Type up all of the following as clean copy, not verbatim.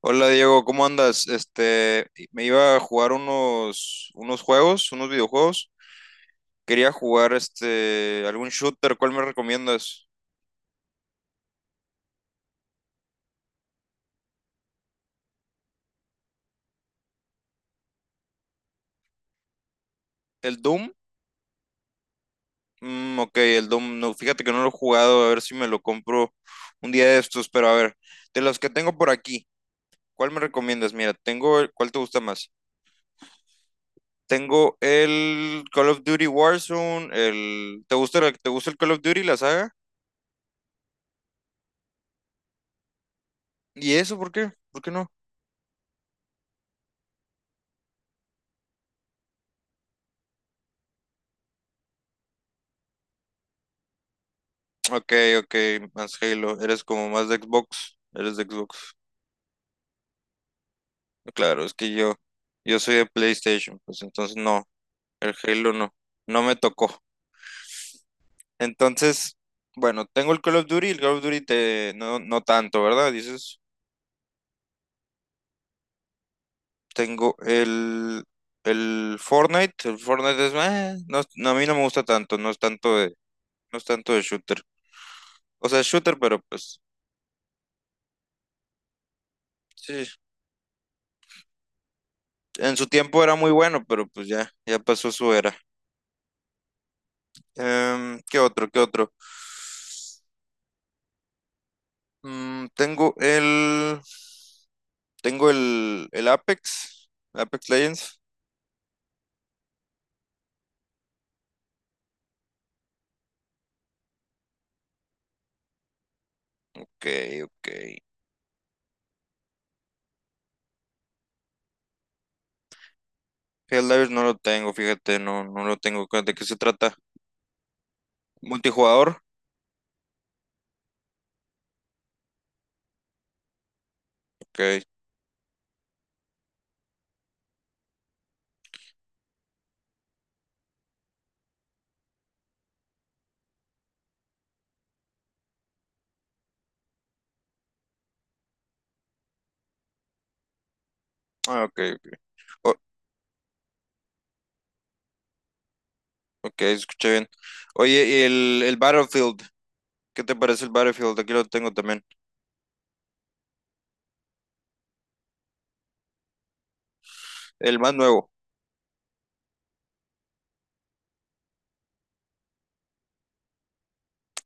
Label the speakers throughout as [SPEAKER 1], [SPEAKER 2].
[SPEAKER 1] Hola Diego, ¿cómo andas? Me iba a jugar unos juegos, unos videojuegos. Quería jugar algún shooter, ¿cuál me recomiendas? ¿El Doom? Ok, el Doom, no, fíjate que no lo he jugado, a ver si me lo compro un día de estos, pero a ver, de los que tengo por aquí, ¿cuál me recomiendas? Mira, tengo, ¿cuál te gusta más? Tengo el Call of Duty Warzone, el, ¿te gusta, te gusta el Call of Duty, la saga? ¿Y eso por qué? ¿Por qué no? Ok, ok, más Halo. Eres como más de Xbox. Eres de Xbox. Claro, es que yo soy de PlayStation, pues entonces no, el Halo no, no me tocó. Entonces, bueno, tengo el Call of Duty, el Call of Duty te, no, no tanto, ¿verdad? Dices, tengo el Fortnite es, "Meh", no, no, a mí no me gusta tanto, no es tanto de, no es tanto de shooter. O sea, es shooter, pero pues, sí, en su tiempo era muy bueno, pero pues ya, ya pasó su era. ¿Qué otro? ¿Qué otro? Tengo el. Tengo el Apex. Apex Legends. Ok, ok. Helldivers no lo tengo, fíjate, no, no lo tengo. ¿De qué se trata? ¿Multijugador? Ok. Ah, ok, ok. O- ok, escuché bien. Oye, y el Battlefield. ¿Qué te parece el Battlefield? Aquí lo tengo también. El más nuevo.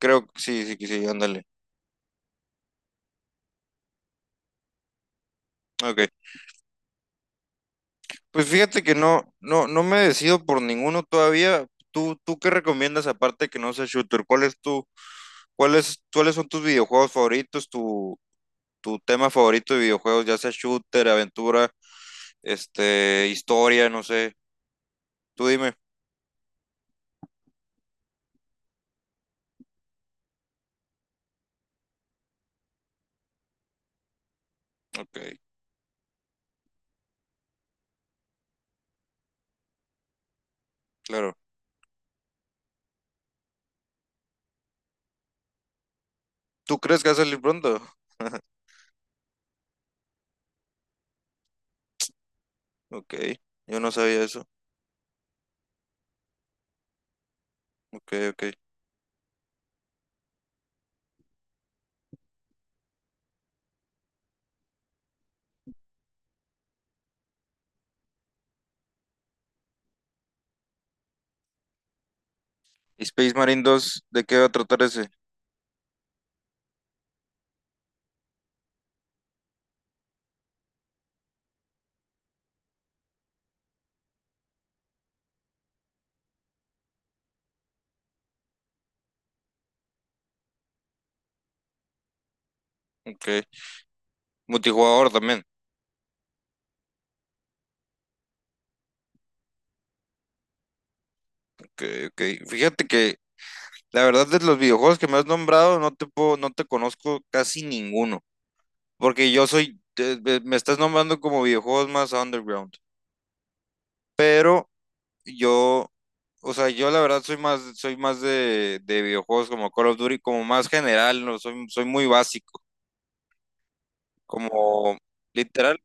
[SPEAKER 1] Creo que sí, sí, que sí, ándale. Ok. Pues fíjate que no, no, no me decido por ninguno todavía. ¿ tú qué recomiendas aparte que no sea shooter? ¿Cuál es tu cuáles son tus videojuegos favoritos, tu tema favorito de videojuegos, ya sea shooter, aventura, historia, no sé? Tú dime. Ok, claro. ¿Tú crees que va a salir pronto? Ok, yo no sabía eso. Ok, ok. ¿Y Space Marine 2, de qué va a tratar ese? Ok. Multijugador también. Ok, ok. Fíjate que la verdad de los videojuegos que me has nombrado, no te puedo, no te conozco casi ninguno. Porque yo soy, me estás nombrando como videojuegos más underground. Pero Yo, o sea, yo la verdad soy más de videojuegos como Call of Duty, como más general, no, soy, soy muy básico, como literal,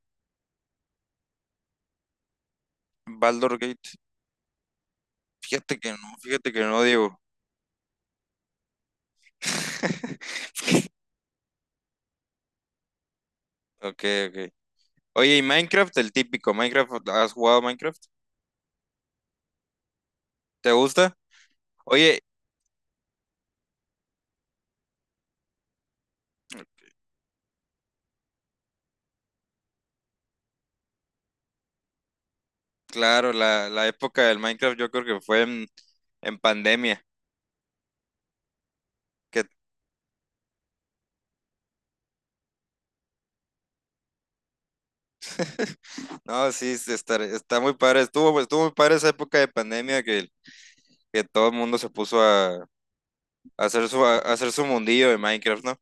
[SPEAKER 1] Baldur's Gate. Fíjate que no, Diego. Ok, ok. Oye, ¿y Minecraft? El típico, Minecraft, ¿has jugado Minecraft? ¿Te gusta? Oye, claro, la época del Minecraft yo creo que fue en pandemia. que- No, sí, sí, está, está muy padre. Estuvo, estuvo muy padre esa época de pandemia que todo el mundo se puso a hacer su mundillo de Minecraft, ¿no?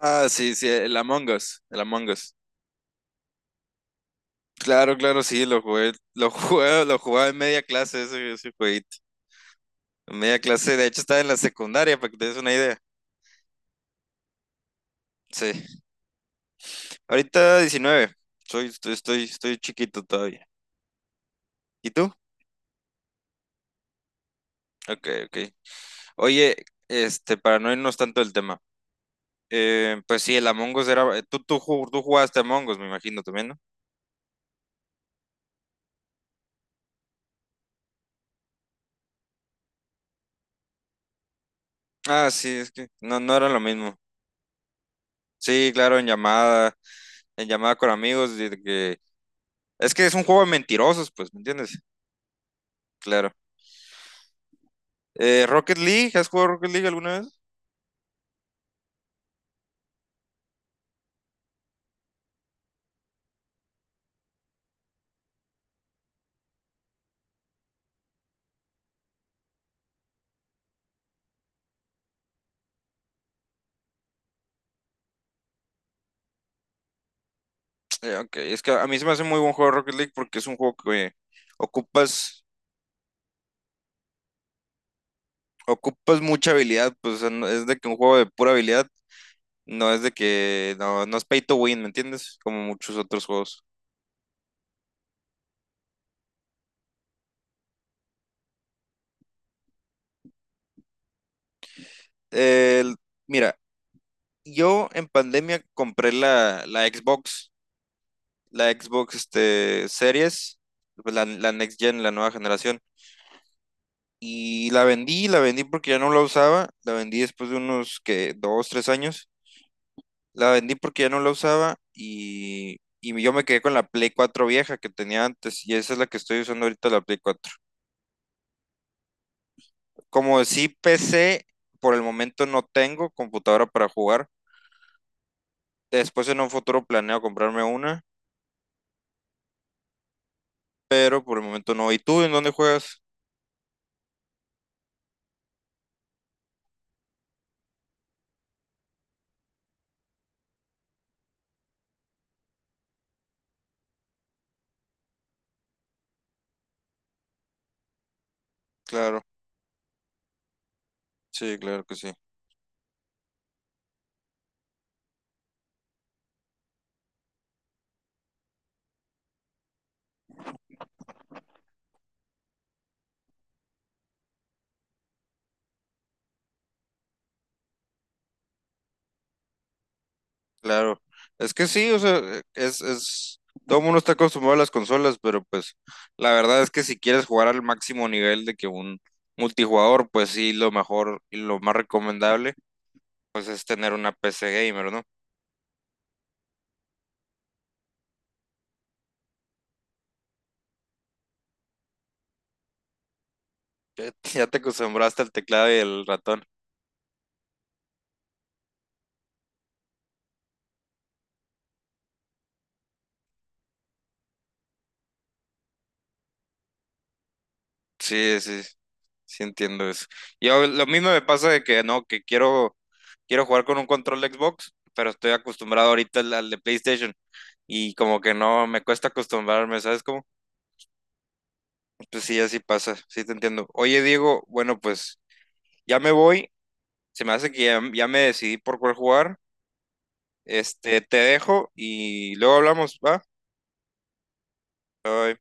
[SPEAKER 1] Ah, sí, sí, el Among Us, el Among Us. Claro, claro, sí, lo jugué, lo jugué, lo jugaba en media clase ese, ese jueguito. En media clase, de hecho estaba en la secundaria, para que te des una idea. Sí. Ahorita 19. Soy, estoy, estoy, estoy chiquito todavía. ¿Y tú? Ok, ok. Oye, para no irnos tanto del tema. Pues sí, el Among Us era. Tú jugaste Among Us, me imagino también, ¿no? Ah, sí, es que no, no era lo mismo. Sí, claro, en llamada con amigos, de que es un juego de mentirosos, pues, ¿me entiendes? Claro. Rocket League, ¿has jugado Rocket League alguna vez? Ok, es que a mí se me hace muy buen juego Rocket League porque es un juego que ocupas, ocupas mucha habilidad, pues, o sea, es de que un juego de pura habilidad, no es de que, no, no es pay to win, ¿me entiendes? Como muchos otros juegos. El- mira, yo en pandemia compré la Xbox. La Xbox Series, pues, la Next Gen, la nueva generación. Y la vendí porque ya no la usaba, la vendí después de unos que dos, tres años, la vendí porque ya no la usaba y yo me quedé con la Play 4 vieja que tenía antes y esa es la que estoy usando ahorita, la Play 4. Como sí PC, por el momento no tengo computadora para jugar, después en un futuro planeo comprarme una, pero por el momento no. ¿Y tú en dónde juegas? Claro, sí, claro que sí. Claro, es que sí, o sea, es, todo el mundo está acostumbrado a las consolas, pero pues la verdad es que si quieres jugar al máximo nivel de que un multijugador, pues sí, lo mejor y lo más recomendable, pues es tener una PC gamer, ¿no? Ya, ya te acostumbraste al teclado y el ratón. Sí, sí, sí entiendo eso. Yo lo mismo me pasa de que no, que quiero, quiero jugar con un control de Xbox, pero estoy acostumbrado ahorita al, al de PlayStation y como que no, me cuesta acostumbrarme, ¿sabes cómo? Pues sí, así pasa, sí te entiendo. Oye, Diego, bueno, pues ya me voy, se me hace que ya, ya me decidí por cuál jugar. Este, te dejo y luego hablamos, ¿va? Bye.